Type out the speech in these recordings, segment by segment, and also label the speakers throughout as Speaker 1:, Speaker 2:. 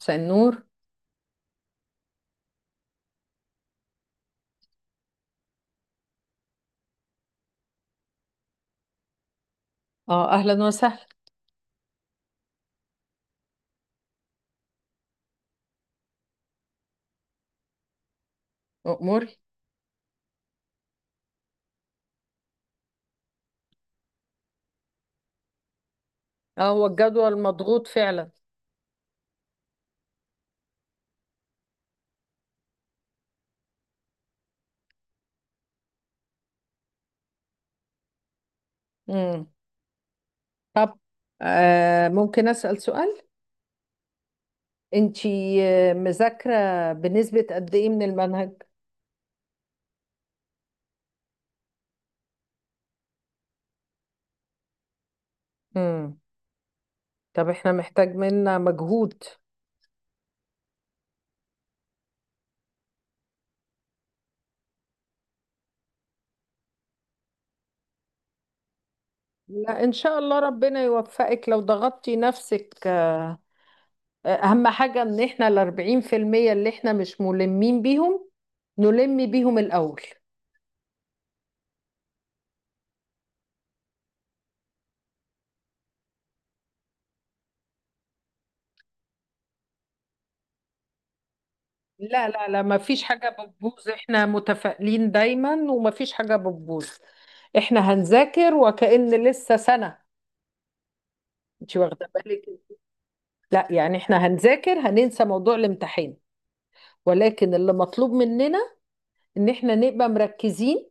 Speaker 1: مساء النور. اه، اهلا وسهلا. اموري. اه، هو الجدول مضغوط فعلا. امم. طب، ممكن اسال سؤال؟ انتي مذاكره بنسبه قد ايه من المنهج؟ امم. طب، احنا محتاج منا مجهود. لا، ان شاء الله ربنا يوفقك لو ضغطتي نفسك. اهم حاجه ان احنا ال 40% اللي احنا مش ملمين بيهم نلم بيهم الاول. لا لا لا، ما فيش حاجة بتبوظ. احنا متفائلين دايما وما فيش حاجة بتبوظ. احنا هنذاكر وكأن لسه سنة. انت واخدة بالك؟ لا يعني احنا هنذاكر، هننسى موضوع الامتحان، ولكن اللي مطلوب مننا ان احنا نبقى مركزين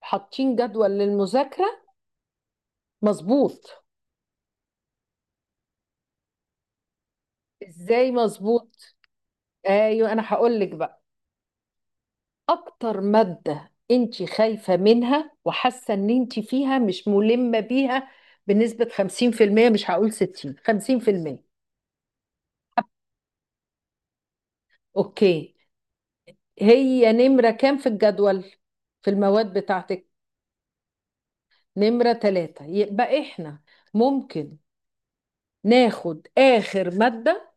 Speaker 1: حاطين جدول للمذاكرة مظبوط. ازاي مظبوط؟ ايوه انا هقول لك بقى. اكتر مادة انت خايفة منها وحاسة ان انت فيها مش ملمة بيها بنسبة 50%؟ مش هقول 60، 50%. اوكي، هي نمرة كام في الجدول في المواد بتاعتك؟ نمرة ثلاثة. يبقى احنا ممكن ناخد اخر مادة،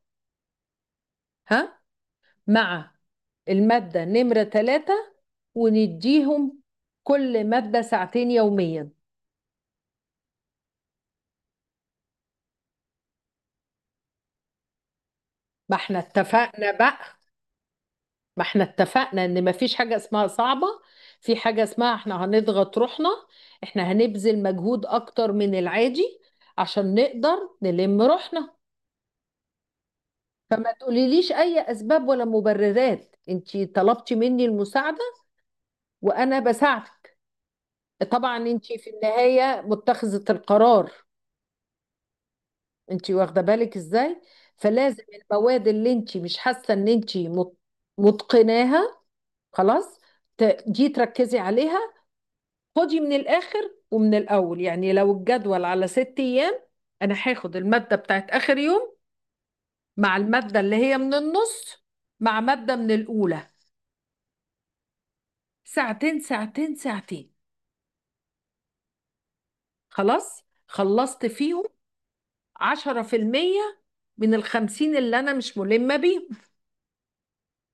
Speaker 1: ها، مع المادة نمرة ثلاثة، ونديهم كل مادة ساعتين يوميا. ما احنا اتفقنا بقى، ما احنا اتفقنا ان ما فيش حاجة اسمها صعبة. في حاجة اسمها احنا هنضغط روحنا، احنا هنبذل مجهود اكتر من العادي عشان نقدر نلم روحنا. فما تقوليليش اي اسباب ولا مبررات. انتي طلبتي مني المساعدة وانا بساعدك. طبعا انتي في النهاية متخذة القرار. انتي واخدة بالك ازاي؟ فلازم المواد اللي انتي مش حاسة ان انتي متقناها، خلاص، دي تركزي عليها. خدي من الآخر ومن الأول، يعني لو الجدول على 6 أيام، أنا هاخد المادة بتاعت آخر يوم مع المادة اللي هي من النص مع مادة من الأولى. ساعتين ساعتين ساعتين، خلاص خلصت فيهم. 10% من الخمسين اللي أنا مش ملمة بيهم.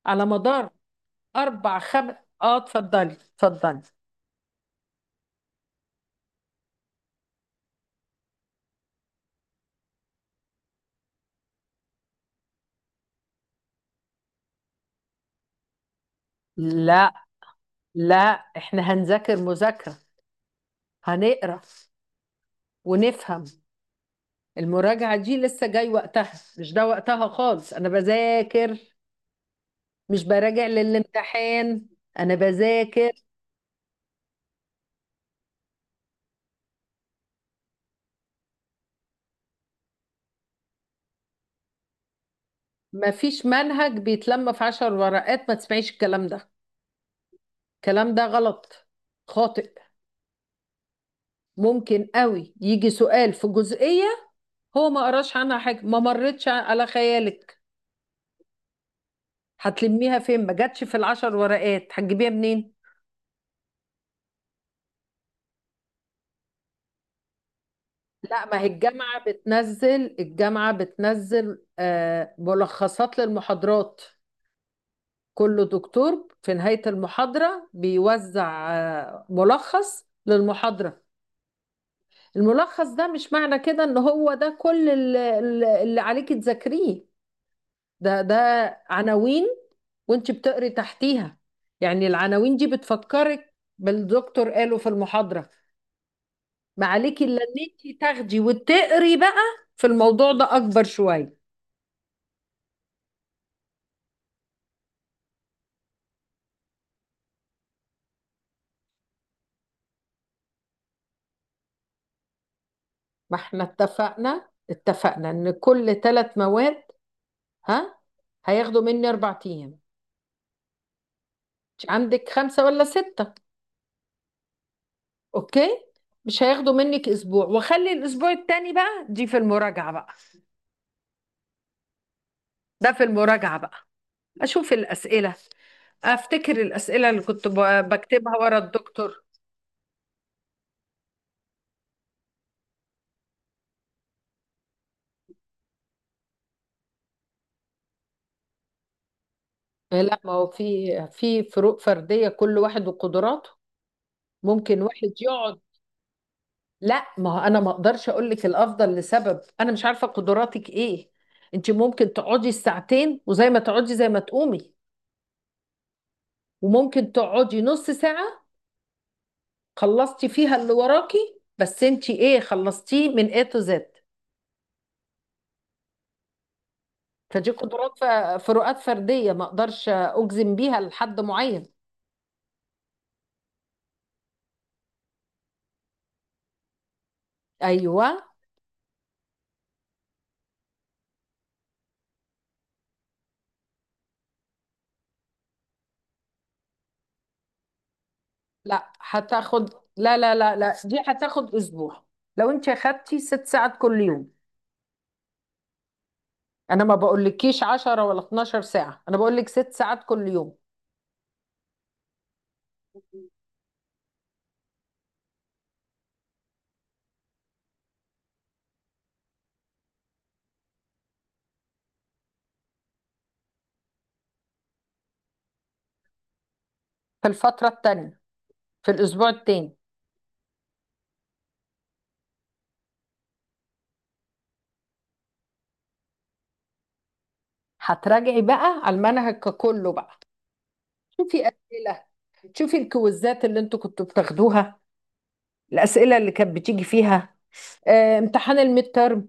Speaker 1: على مدار أربع خم آه اتفضلي، اتفضلي. لا لا، احنا هنذاكر مذاكرة، هنقرا ونفهم. المراجعة دي لسه جاي وقتها، مش ده وقتها خالص. أنا بذاكر مش براجع للامتحان. أنا بذاكر. مفيش منهج بيتلم في 10 ورقات، ما تسمعيش الكلام ده. الكلام ده غلط، خاطئ. ممكن قوي يجي سؤال في جزئية هو ما قراش عنها حاجة، ما مرتش على خيالك، هتلميها فين؟ ما جاتش في ال10 ورقات، هتجيبيها منين؟ لا، ما هي الجامعة بتنزل، الجامعة بتنزل ملخصات للمحاضرات. كل دكتور في نهاية المحاضرة بيوزع ملخص للمحاضرة. الملخص ده مش معنى كده ان هو ده كل اللي عليك تذاكريه. ده عناوين، وانت بتقري تحتيها. يعني العناوين دي بتفكرك بالدكتور قاله في المحاضرة. ما عليكي الا ان انت تاخدي وتقري بقى في الموضوع ده اكبر شوية. ما احنا اتفقنا ان كل 3 مواد، ها، هياخدوا مني 4 ايام. مش عندك خمسة ولا ستة؟ أوكي، مش هياخدوا منك أسبوع. وخلي الأسبوع التاني بقى دي في المراجعة بقى ده في المراجعة بقى. أشوف الأسئلة، أفتكر الأسئلة اللي كنت بكتبها ورا الدكتور. إيه، لا ما هو في فروق فردية، كل واحد وقدراته. ممكن واحد يقعد. لا ما هو، أنا ما أقدرش أقول لك الأفضل لسبب أنا مش عارفة قدراتك إيه. أنت ممكن تقعدي الساعتين وزي ما تقعدي زي ما تقومي، وممكن تقعدي نص ساعة خلصتي فيها اللي وراكي. بس انت ايه خلصتيه من A to Z؟ فدي قدرات، فروقات فردية، ما اقدرش اجزم بيها لحد معين. ايوه. لا هتاخد لا لا لا لا، دي هتاخد اسبوع لو انت اخدتي 6 ساعات كل يوم. انا ما بقولكيش 10 ولا 12 ساعة، انا بقولك 6 ساعات كل يوم. في الفترة التانية، في الاسبوع التاني، هتراجعي بقى على المنهج ككله بقى. شوفي اسئلة، شوفي الكويزات اللي انتوا كنتوا بتاخدوها، الأسئلة اللي كانت بتيجي فيها، امتحان الميد ترم.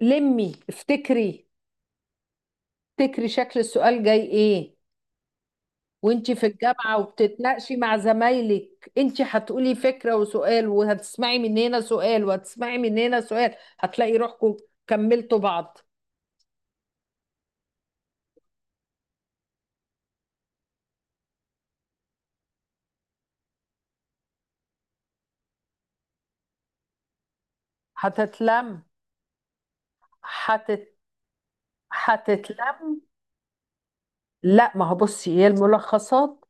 Speaker 1: لمي، افتكري، افتكري شكل السؤال جاي ايه. وانت في الجامعة وبتتناقشي مع زمايلك، انت هتقولي فكرة وسؤال، وهتسمعي من هنا سؤال وهتسمعي من هنا سؤال. هتلاقي روحكم كملتوا بعض. هتتلم. هتت... هتتلم. لا ما هو، بصي، هي الملخصات،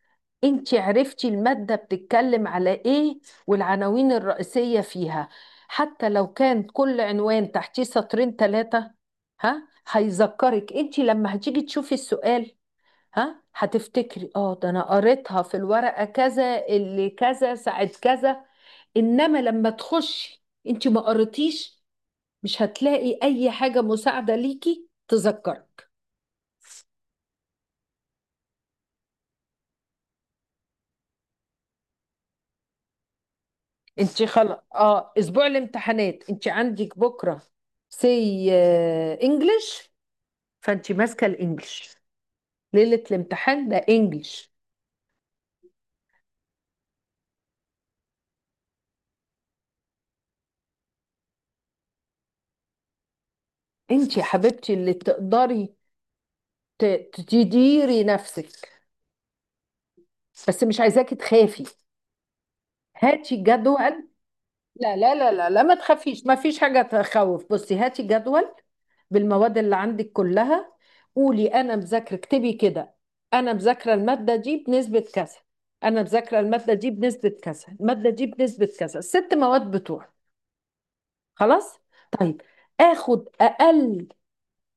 Speaker 1: انت عرفتي المادة بتتكلم على ايه والعناوين الرئيسية فيها. حتى لو كان كل عنوان تحتيه سطرين ثلاثة، ها هيذكرك انت لما هتيجي تشوفي السؤال. ها هتفتكري اه ده انا قريتها في الورقة كذا، اللي كذا ساعة كذا. انما لما تخشي انت ما قريتيش، مش هتلاقي اي حاجة مساعدة ليكي تذكرك. انت خلاص، اه، اسبوع الامتحانات انت عندك بكره سي انجلش. فانت ماسكه الانجلش. ليله الامتحان ده انجلش. انت يا حبيبتي اللي تقدري تديري نفسك. بس مش عايزاكي تخافي. هاتي جدول. لا لا لا لا لا، ما تخافيش، ما فيش حاجه تخوف. بصي، هاتي جدول بالمواد اللي عندك كلها. قولي انا مذاكره، اكتبي كده، انا مذاكره الماده دي بنسبه كذا، انا مذاكره الماده دي بنسبه كذا، الماده دي بنسبه كذا، الست مواد بتوع. خلاص؟ طيب، اخد اقل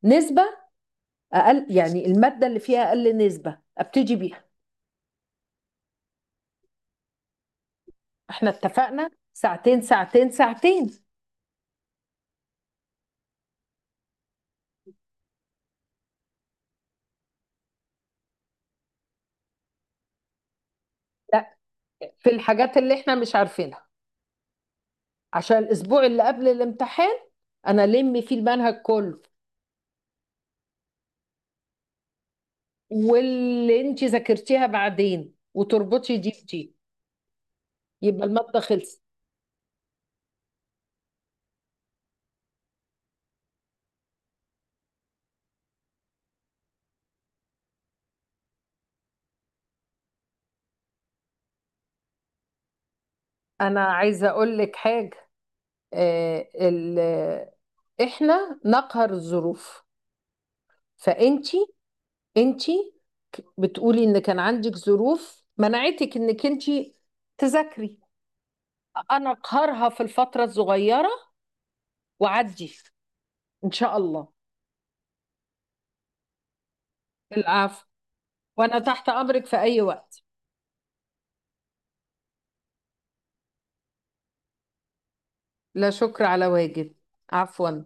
Speaker 1: نسبه، اقل يعني الماده اللي فيها اقل نسبه ابتدي بيها. احنا اتفقنا، ساعتين ساعتين ساعتين. لا، في الحاجات اللي احنا مش عارفينها عشان الاسبوع اللي قبل الامتحان انا لم فيه المنهج كله. واللي انت ذاكرتيها بعدين وتربطي دي بدي، يبقى المادة خلصت. انا عايزة اقول لك حاجة. آه ال... آه، احنا نقهر الظروف. فانت انت بتقولي ان كان عندك ظروف منعتك انك انت تذاكري، انا اقهرها في الفترة الصغيرة وعدي ان شاء الله. العفو، وانا تحت امرك في اي وقت. لا شكر على واجب، عفوا.